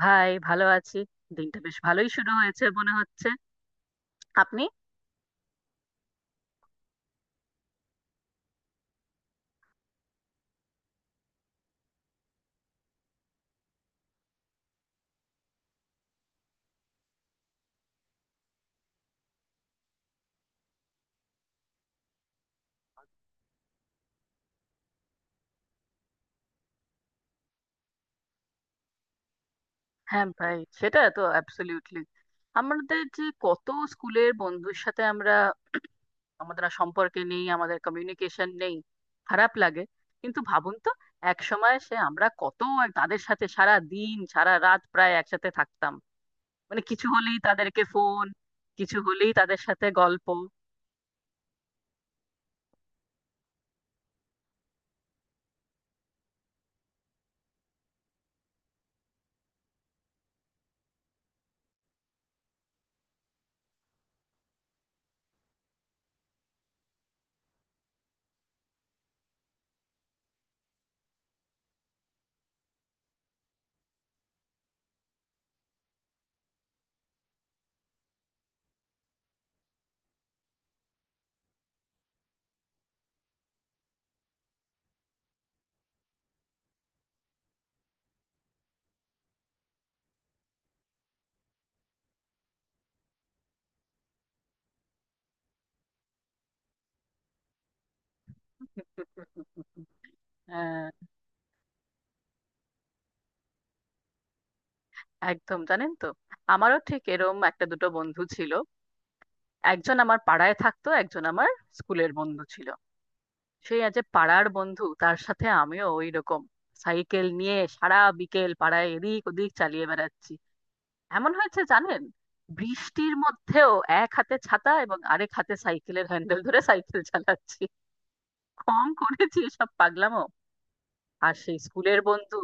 ভাই ভালো আছি। দিনটা বেশ ভালোই শুরু হয়েছে মনে হচ্ছে। আপনি? হ্যাঁ ভাই, সেটা তো অ্যাবসলিউটলি। আমাদের যে কত স্কুলের বন্ধুর সাথে আমরা, আমাদের আর সম্পর্কে নেই, আমাদের কমিউনিকেশন নেই। খারাপ লাগে কিন্তু। ভাবুন তো, এক সময় সে আমরা কত আর তাদের সাথে সারা দিন সারা রাত প্রায় একসাথে থাকতাম। মানে কিছু হলেই তাদেরকে ফোন, কিছু হলেই তাদের সাথে গল্প। হ্যাঁ, একদম। জানেন তো, আমারও ঠিক এরম একটা দুটো বন্ধু ছিল। একজন আমার পাড়ায় থাকতো, একজন আমার স্কুলের বন্ধু ছিল। সেই আজ পাড়ার বন্ধু, তার সাথে আমিও ওই রকম সাইকেল নিয়ে সারা বিকেল পাড়ায় এদিক ওদিক চালিয়ে বেড়াচ্ছি। এমন হয়েছে জানেন, বৃষ্টির মধ্যেও এক হাতে ছাতা এবং আরেক হাতে সাইকেলের হ্যান্ডেল ধরে সাইকেল চালাচ্ছি। কম করেছি এসব পাগলামো। আর সেই স্কুলের বন্ধু,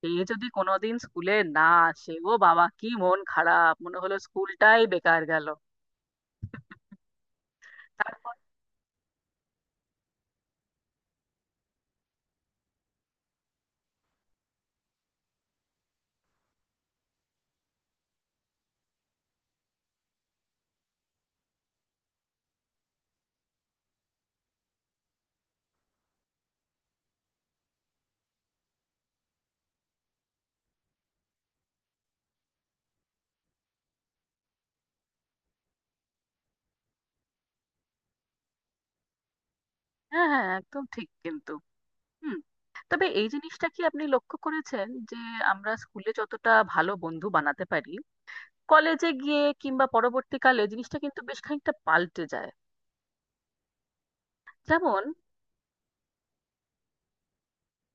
সে যদি কোনোদিন স্কুলে না আসে, ও বাবা কি মন খারাপ, মনে হলো স্কুলটাই বেকার গেল। তারপর হ্যাঁ হ্যাঁ একদম ঠিক কিন্তু। হুম। তবে এই জিনিসটা কি আপনি লক্ষ্য করেছেন যে আমরা স্কুলে যতটা ভালো বন্ধু বানাতে পারি, কলেজে গিয়ে কিংবা পরবর্তীকালে জিনিসটা কিন্তু বেশ খানিকটা পাল্টে যায়। যেমন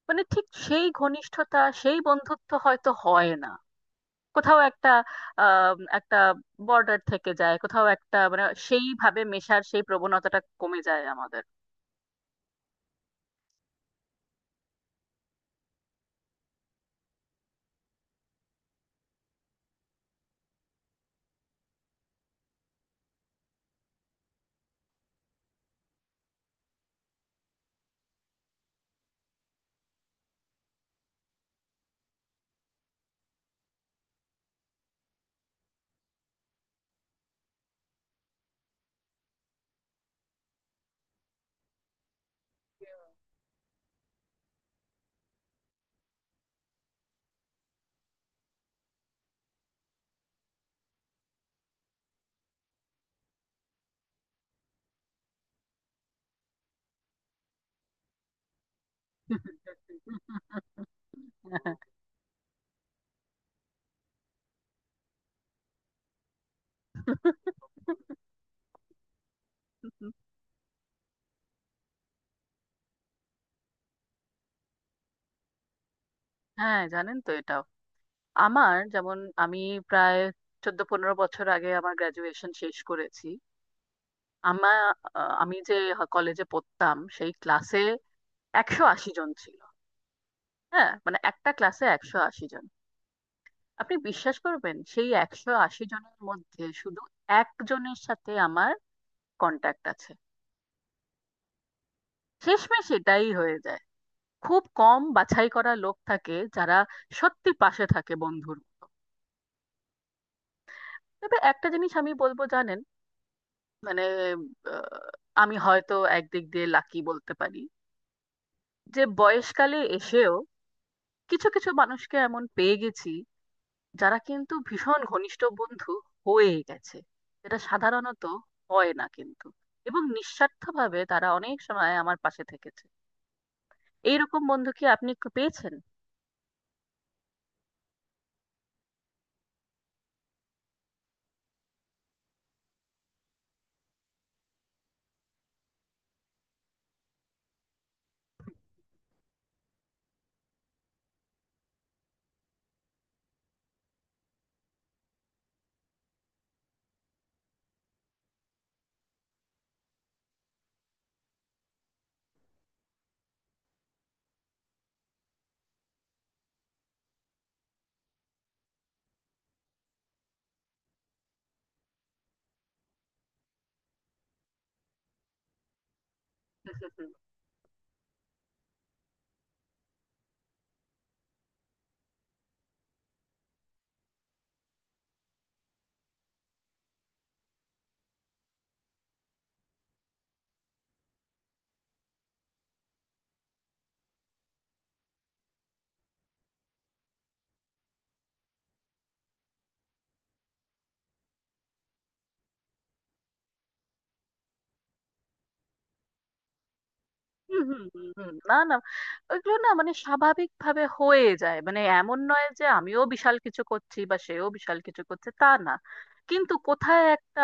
মানে, ঠিক সেই ঘনিষ্ঠতা সেই বন্ধুত্ব হয়তো হয় না। কোথাও একটা একটা বর্ডার থেকে যায়, কোথাও একটা মানে সেইভাবে মেশার সেই প্রবণতাটা কমে যায় আমাদের। হ্যাঁ, জানেন তো, এটা আমার যেমন, আমি প্রায় 14-15 বছর আগে আমার গ্রাজুয়েশন শেষ করেছি। আমার, আমি যে কলেজে পড়তাম সেই ক্লাসে 180 জন ছিল। হ্যাঁ মানে, একটা ক্লাসে 180 জন। আপনি বিশ্বাস করবেন, সেই 180 জনের মধ্যে শুধু একজনের সাথে আমার কন্ট্যাক্ট আছে। শেষমেশ এটাই হয়ে যায়। খুব কম বাছাই করা লোক থাকে যারা সত্যি পাশে থাকে বন্ধুর মতো। তবে একটা জিনিস আমি বলবো জানেন, মানে আহ, আমি হয়তো একদিক দিয়ে লাকি বলতে পারি, যে বয়সকালে এসেও কিছু কিছু মানুষকে এমন পেয়ে গেছি যারা কিন্তু ভীষণ ঘনিষ্ঠ বন্ধু হয়ে গেছে, যেটা সাধারণত হয় না কিন্তু। এবং নিঃস্বার্থভাবে তারা অনেক সময় আমার পাশে থেকেছে। এইরকম বন্ধু কি আপনি পেয়েছেন? হুম হুম হুম হুম। না না, ওইগুলো না, মানে স্বাভাবিক ভাবে হয়ে যায়। মানে এমন নয় যে আমিও বিশাল কিছু করছি বা সেও বিশাল কিছু করছে, তা না। কিন্তু কোথায় একটা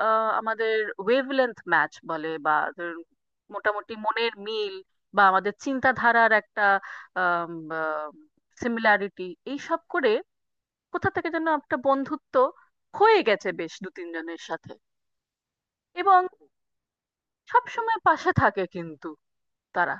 আমাদের ওয়েভলেন্থ ম্যাচ বলে বা ধরুন মোটামুটি মনের মিল বা আমাদের চিন্তাধারার একটা সিমিলারিটি, এইসব করে কোথা থেকে যেন একটা বন্ধুত্ব হয়ে গেছে বেশ দু তিনজনের সাথে। এবং সব সময় পাশে থাকে কিন্তু তারা।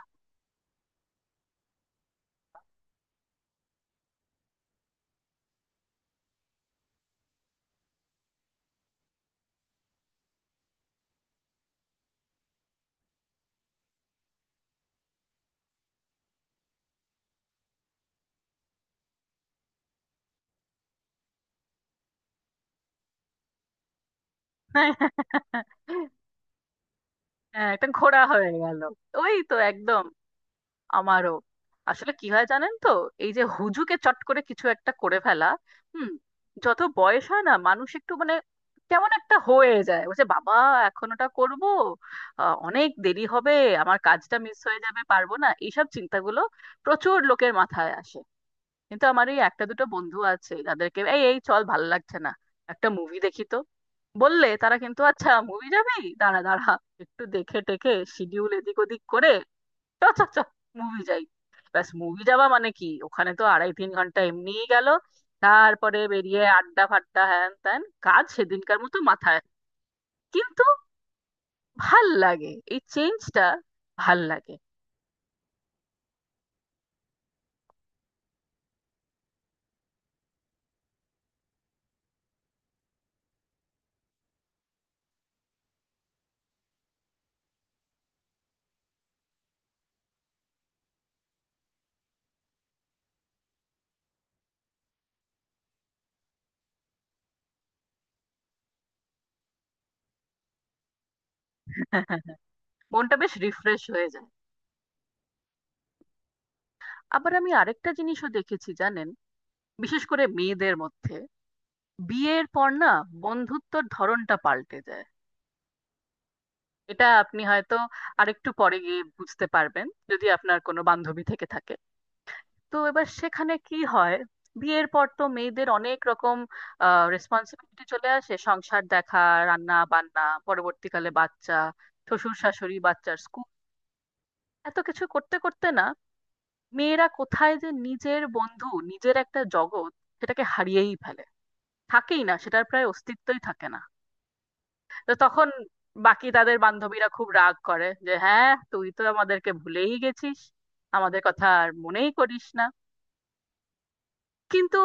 হ্যাঁ, একটা ঘোড়া হয়ে গেল। ওই তো, একদম। আমারও আসলে কি হয় জানেন তো, এই যে হুজুকে চট করে কিছু একটা করে ফেলা। হুম, যত বয়স হয় না, মানুষ একটু মানে কেমন একটা হয়ে যায়, বলছে বাবা এখন ওটা করবো, অনেক দেরি হবে, আমার কাজটা মিস হয়ে যাবে, পারবো না, এইসব চিন্তাগুলো প্রচুর লোকের মাথায় আসে। কিন্তু আমার এই একটা দুটো বন্ধু আছে যাদেরকে এই, চল ভালো লাগছে না, একটা মুভি দেখি তো বললে, তারা কিন্তু আচ্ছা মুভি যাবি, দাঁড়া দাঁড়া একটু দেখে টেকে শিডিউল এদিক ওদিক করে চ চ চ মুভি যাই। ব্যাস, মুভি যাওয়া মানে কি, ওখানে তো 2.5-3 ঘন্টা এমনিই গেল। তারপরে বেরিয়ে আড্ডা ফাড্ডা হ্যান ত্যান, কাজ সেদিনকার মতো মাথায়। কিন্তু ভাল লাগে এই চেঞ্জটা, ভাল লাগে। মনটা বেশ রিফ্রেশ হয়ে যায়। আবার আমি আরেকটা জিনিসও দেখেছি জানেন, বিশেষ করে মেয়েদের মধ্যে, বিয়ের পর না বন্ধুত্বর ধরনটা পাল্টে যায়। এটা আপনি হয়তো আরেকটু পরে গিয়ে বুঝতে পারবেন, যদি আপনার কোনো বান্ধবী থেকে থাকে। তো এবার সেখানে কি হয়, বিয়ের পর তো মেয়েদের অনেক রকম রেসপন্সিবিলিটি চলে আসে, সংসার দেখা, রান্না বান্না, পরবর্তীকালে বাচ্চা, শ্বশুর শাশুড়ি, বাচ্চার স্কুল, এত কিছু করতে করতে না, মেয়েরা কোথায় যে নিজের বন্ধু নিজের একটা জগৎ সেটাকে হারিয়েই ফেলে, থাকেই না, সেটার প্রায় অস্তিত্বই থাকে না। তো তখন বাকি তাদের বান্ধবীরা খুব রাগ করে যে হ্যাঁ তুই তো আমাদেরকে ভুলেই গেছিস, আমাদের কথা আর মনেই করিস না। কিন্তু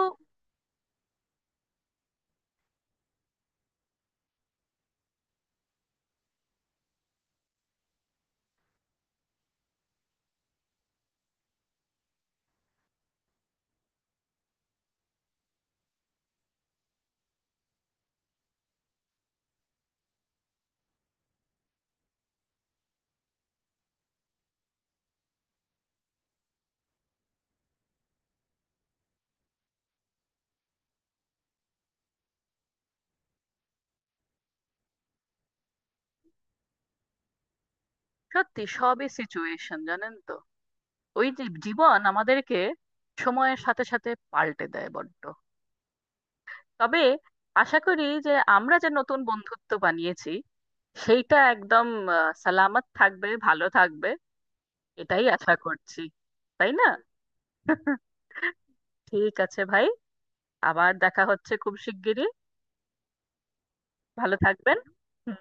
সত্যি, সবই সিচুয়েশন, জানেন তো, ওই যে জীবন আমাদেরকে সময়ের সাথে সাথে পাল্টে দেয় বড্ড। তবে আশা করি যে আমরা যে নতুন বন্ধুত্ব বানিয়েছি সেইটা একদম সালামত থাকবে, ভালো থাকবে, এটাই আশা করছি। তাই না? ঠিক আছে ভাই, আবার দেখা হচ্ছে খুব শিগগিরই। ভালো থাকবেন। হুম।